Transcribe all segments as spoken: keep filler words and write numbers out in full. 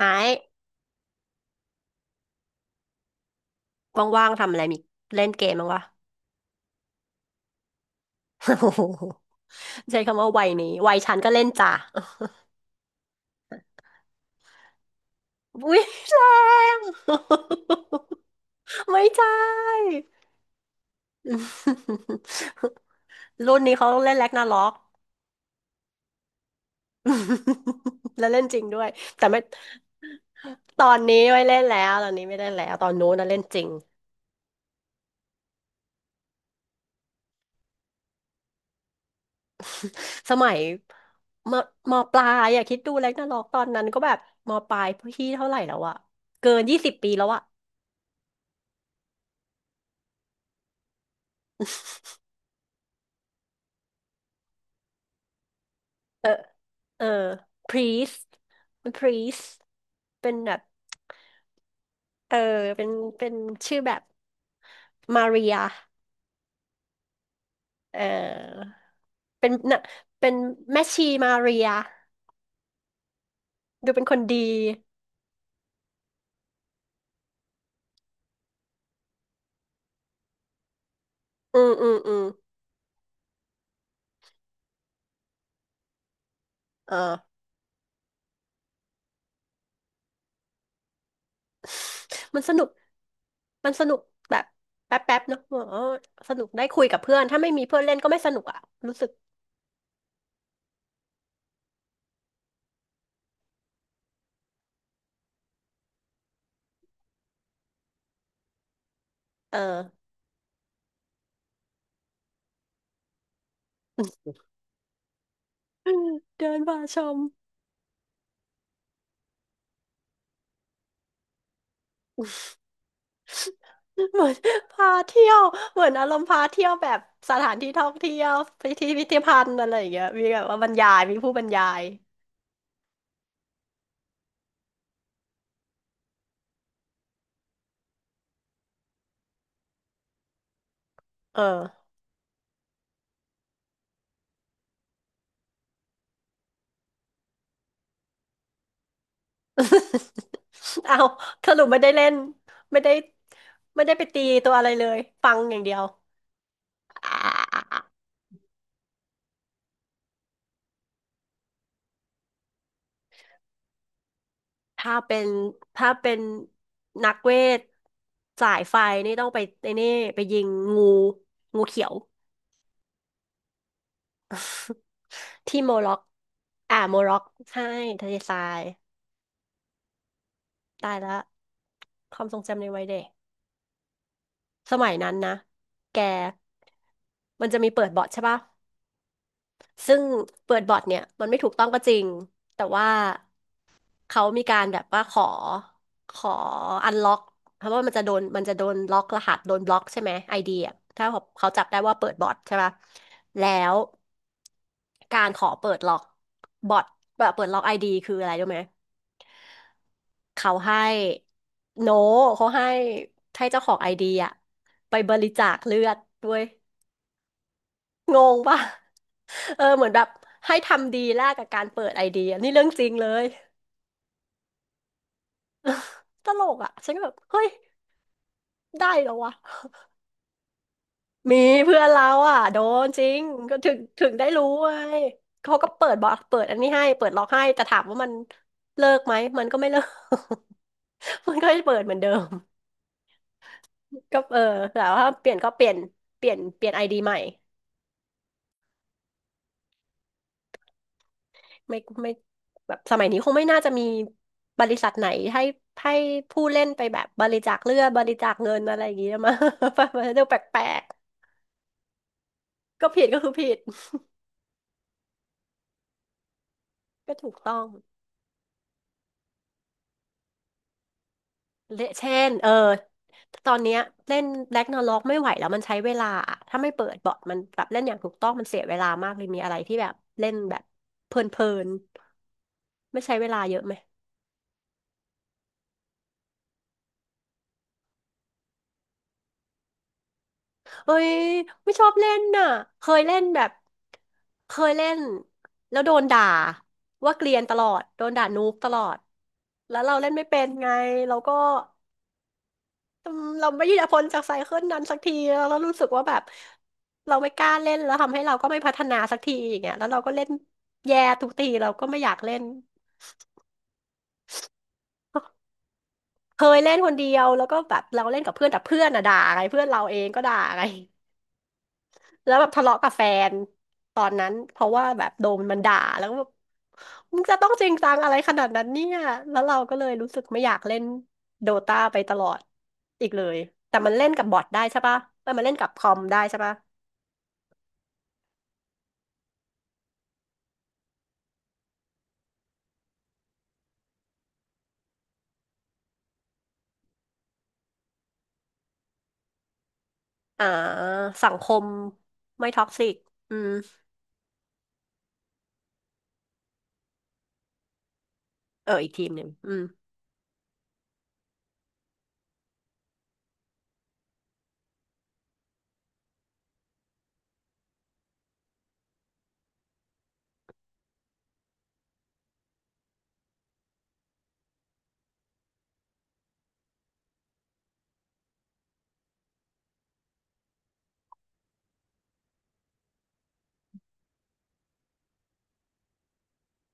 ไอ้ว่างๆทำอะไรมีเล่นเกมบ้างวะ โอ้โห ใช้คำว่าวัยนี้วัยฉันก็เล่นจ้ะ อุ้ยแรง ไม่ใช่ รุ่นนี้เขาเล่นแร็กนาร็อก แล้วเล่นจริงด้วยแต่ไม่ตอนนี้ไม่เล่นแล้วตอนนี้ไม่เล่นแล้วตอนนู้นนะเล่นจริงสมัยมมปลายอะคิดดูแร็กนาร็อกตอนนั้นก็แบบมปลายพี่เท่าไหร่แล้วอะเกินยี่สิบปีแล้วอะ เออ เออ priest priest เป็นแบบเออเป็นเป็นชื่อแบบมาเรียเออเป็นนะเป็นแม่ชีมาเรียดูเป็นคนดีอืมอืมอืมเออ มันสนุกมันสนุกแบบแป๊บแป๊บเนาะอ๋อสนุกได้คุยกับเพื่อนถ้าไม่มีเพื่อนเล่นก็ไม่สนุกอ่ะรู้สึกเออ เดินมาชม เหมือนพาเที่ยวเหมือนอารมณ์พาเที่ยวแบบสถานที่ท่องเที่ยวที่พิพิธภัณฑ์อะไรอย่างเงี้ยมีแบบว่าบรรยายมีผู้บรรยายเออ เอาสรุปไม่ได้เล่นไม่ได้ไม่ได้ไปตีตัวอะไรเลยฟังอย่างเดียวอ่าถ้าเป็นถ้าเป็นนักเวทสายไฟนี่ต้องไปไอ้นี่ไปยิงงูงูเขียว ที่โมร็อกอ่าโมร็อกใช่ทะเลทรายตายแล้ว ความทรงจำในวัยเด็กสมัยนั้นนะแกมันจะมีเปิดบอร์ดใช่ปะซึ่งเปิดบอร์ดเนี่ยมันไม่ถูกต้องก็จริงแต่ว่าเขามีการแบบว่าขอขออันล็อกเพราะว่ามันจะโดนมันจะโดนล็อกรหัสโดนบล็อกใช่ไหมไอเดียถ้าเขาจับได้ว่าเปิดบอร์ดใช่ปะแล้วการขอเปิดล็อกบอร์ดแบบเปิดล็อกไอดีคืออะไรรู้ไหมเขาให้โนเขาให้ให้เจ้าของไอเดียไปบริจาคเลือดด้วย งงป่ะเออเหมือนแบบให้ทำดีแลกกับการเปิดไอเดียนี่เรื่องจริงเลย ตลกอ่ะฉันก็แบบเฮ้ยได้เหรอวะมีเพื่อนเราอ่ะโดนจริงก็ถึงถึงได้รู้ไงเขาก็เปิดบล็อกเปิดอันนี้ให้เปิดล็อกให้แต่ถามว่ามันเลิกไหมมันก็ไม่เลิก มันก็เปิดเหมือนเดิมก็เออแต่ว่าเปลี่ยนก็เปลี่ยนเปลี่ยนเปลี่ยนไอดีใหม่ ไม่ไม่แบบสมัยนี้คงไม่น่าจะมีบริษัทไหนให้ให้ผู้เล่นไปแบบบริจาคเลือดบริจาคเงินอะไรอย่างเงี้ยมา มันเรื่องแปลกๆก็ผิดก็คือผิดก็ถูกต้องเละเช่นเออตอนเนี้ยเล่นแร็กนาร็อกไม่ไหวแล้วมันใช้เวลาอะถ้าไม่เปิดบอทมันแบบเล่นอย่างถูกต้องมันเสียเวลามากเลยมีอะไรที่แบบเล่นแบบเพลินๆไม่ใช้เวลาเยอะไหม เอ้ยไม่ชอบเล่นน่ะเคยเล่นแบบเคยเล่นแล้วโดนด่าว่าเกลียนตลอดโดนด่านูบตลอดแล้วเราเล่นไม่เป็นไงเราก็อืมเราไม่ยืดพ้นจากไซเคิลนั้นสักทีแล้วเรารู้สึกว่าแบบเราไม่กล้าเล่นแล้วทำให้เราก็ไม่พัฒนาสักทีอย่างเงี้ยแล้วเราก็เล่นแย่ทุกทีเราก็ไม่อยากเล่นเคยเล่นคนเดียวแล้วก็แบบเราเล่นกับเพื่อนแต่เพื่อนอะด่าไงเพื่อนเราเองก็ด่าไง แล้วแบบทะเลาะกับแฟนตอนนั้นเพราะว่าแบบโดนมันด่าแล้วก็แบบมึงจะต้องจริงจังอะไรขนาดนั้นเนี่ยแล้วเราก็เลยรู้สึกไม่อยากเล่นโดตาไปตลอดอีกเลยแต่มันเล่นกับบอทได้ใช่ปะเอ้ยมันเล่นกับคอมได้ใช่ปะอ่าสังคมไม่ท็อกซิกอืมเอออีกทีมหนึ่งอืม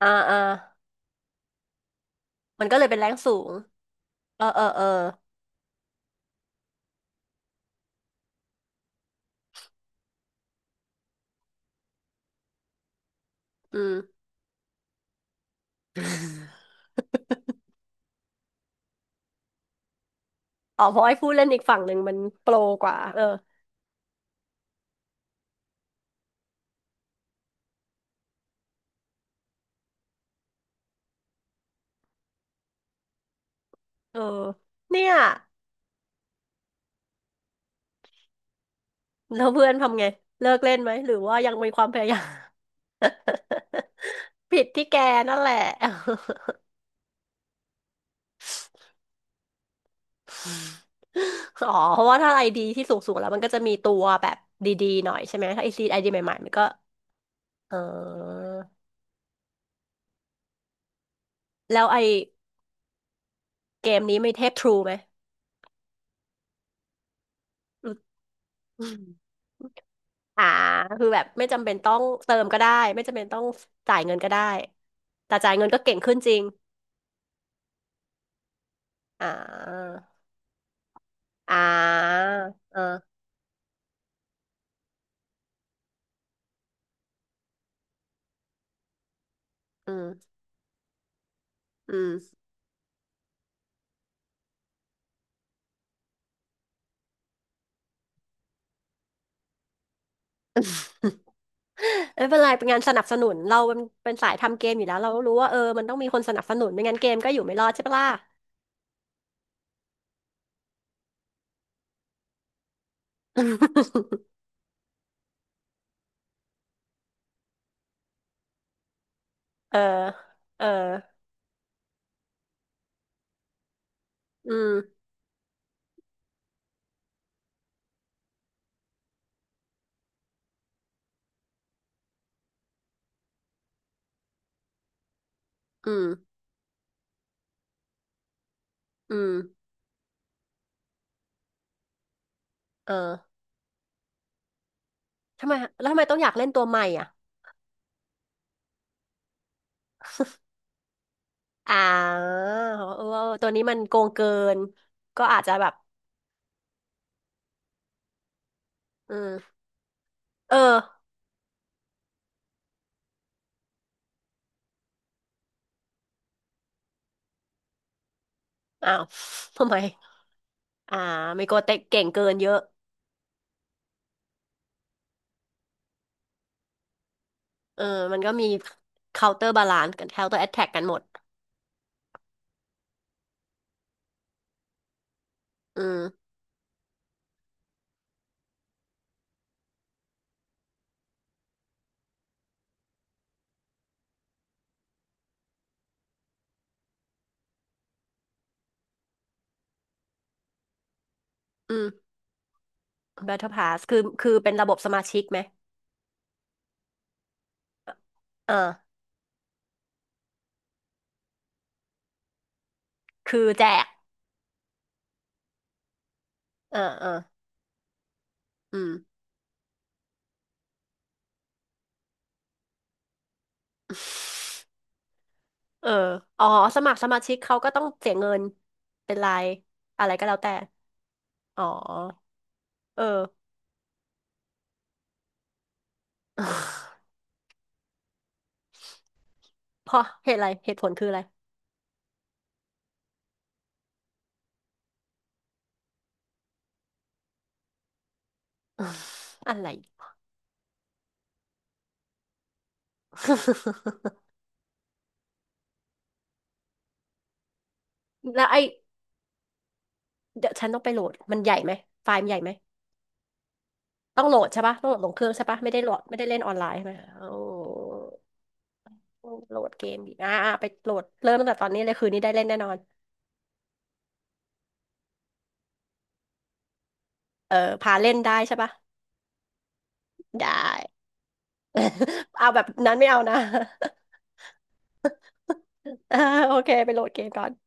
อ่าอ่ามันก็เลยเป็นแรงสูงเออเออเอออืมอ๋อเพราะไอ้ผู้เล่นอีกฝั่งหนึ่งมันโปรกว่าเออเออเนี่ย แล้วเพื่อนทำไงเลิกเล่นไหมหรือว่ายังมีความพยายาม ผิดที่แกนั่นแหละ อ๋อเพราะว่าถ้าไอดีที่สูงๆแล้วมันก็จะมีตัวแบบดีๆหน่อยใช่ไหมถ้าไอซีไอดีใหม่ๆมันก็เออแล้วไอเกมนี้ไม่เทพทรูไหมรู้อืมอ่าคือแบบไม่จำเป็นต้องเติมก็ได้ไม่จำเป็นต้องจ่ายเงินก็ได้แต่จ่ายเงินก็เก่งขึ้นจริงอ่าอ่าเอออืมอืม ไม่เป็นไรเป็นงานสนับสนุนเราเป็นเป็นสายทำเกมอยู่แล้วเรารู้ว่าเออมันต้องมีคนสนับสนุนไม่งั้นเกมก็อยู่ไม่รอดใช่ปะล่ะ เออเอออืมอืมอืมเออทำไมแล้วทำไมต้องอยากเล่นตัวใหม่อ่ะอ่าเออตัวนี้มันโกงเกินก็อาจจะแบบอืมเอออ้าวทำไมอ่าไมโกเตะเก่งเกินเยอะเออมันก็มี counter balance กัน counter attack กันหมดอืมอืม Battle Pass คือคือเป็นระบบสมาชิกไหมเออ คือแจกเอ่าอ่าอืมเอออ๋อ สมัครสมาชิกเขาก็ต้องเสียเงิน เป็นรายอะไรก็แล้วแต่อ๋อเออ เพราะเหตุอะไรเหตุผลคืออะไร อะไร แล้วไอ้เดี๋ยวฉันต้องไปโหลดมันใหญ่ไหมไฟล์มันใหญ่ไหมต้องโหลดใช่ปะต้องโหลดลงเครื่องใช่ปะไม่ได้โหลดไม่ได้เล่นออนไลน์ใช่ไหมโอ้โหลดเกมดีอ่าอ่าไปโหลดเริ่มตั้งแต่ตอนนี้เลยคืนนี้ได้เล่นแน่นอนเออพาเล่นได้ใช่ปะได้ เอาแบบนั้นไม่เอานะ อ่าโอเคไปโหลดเกมก่อน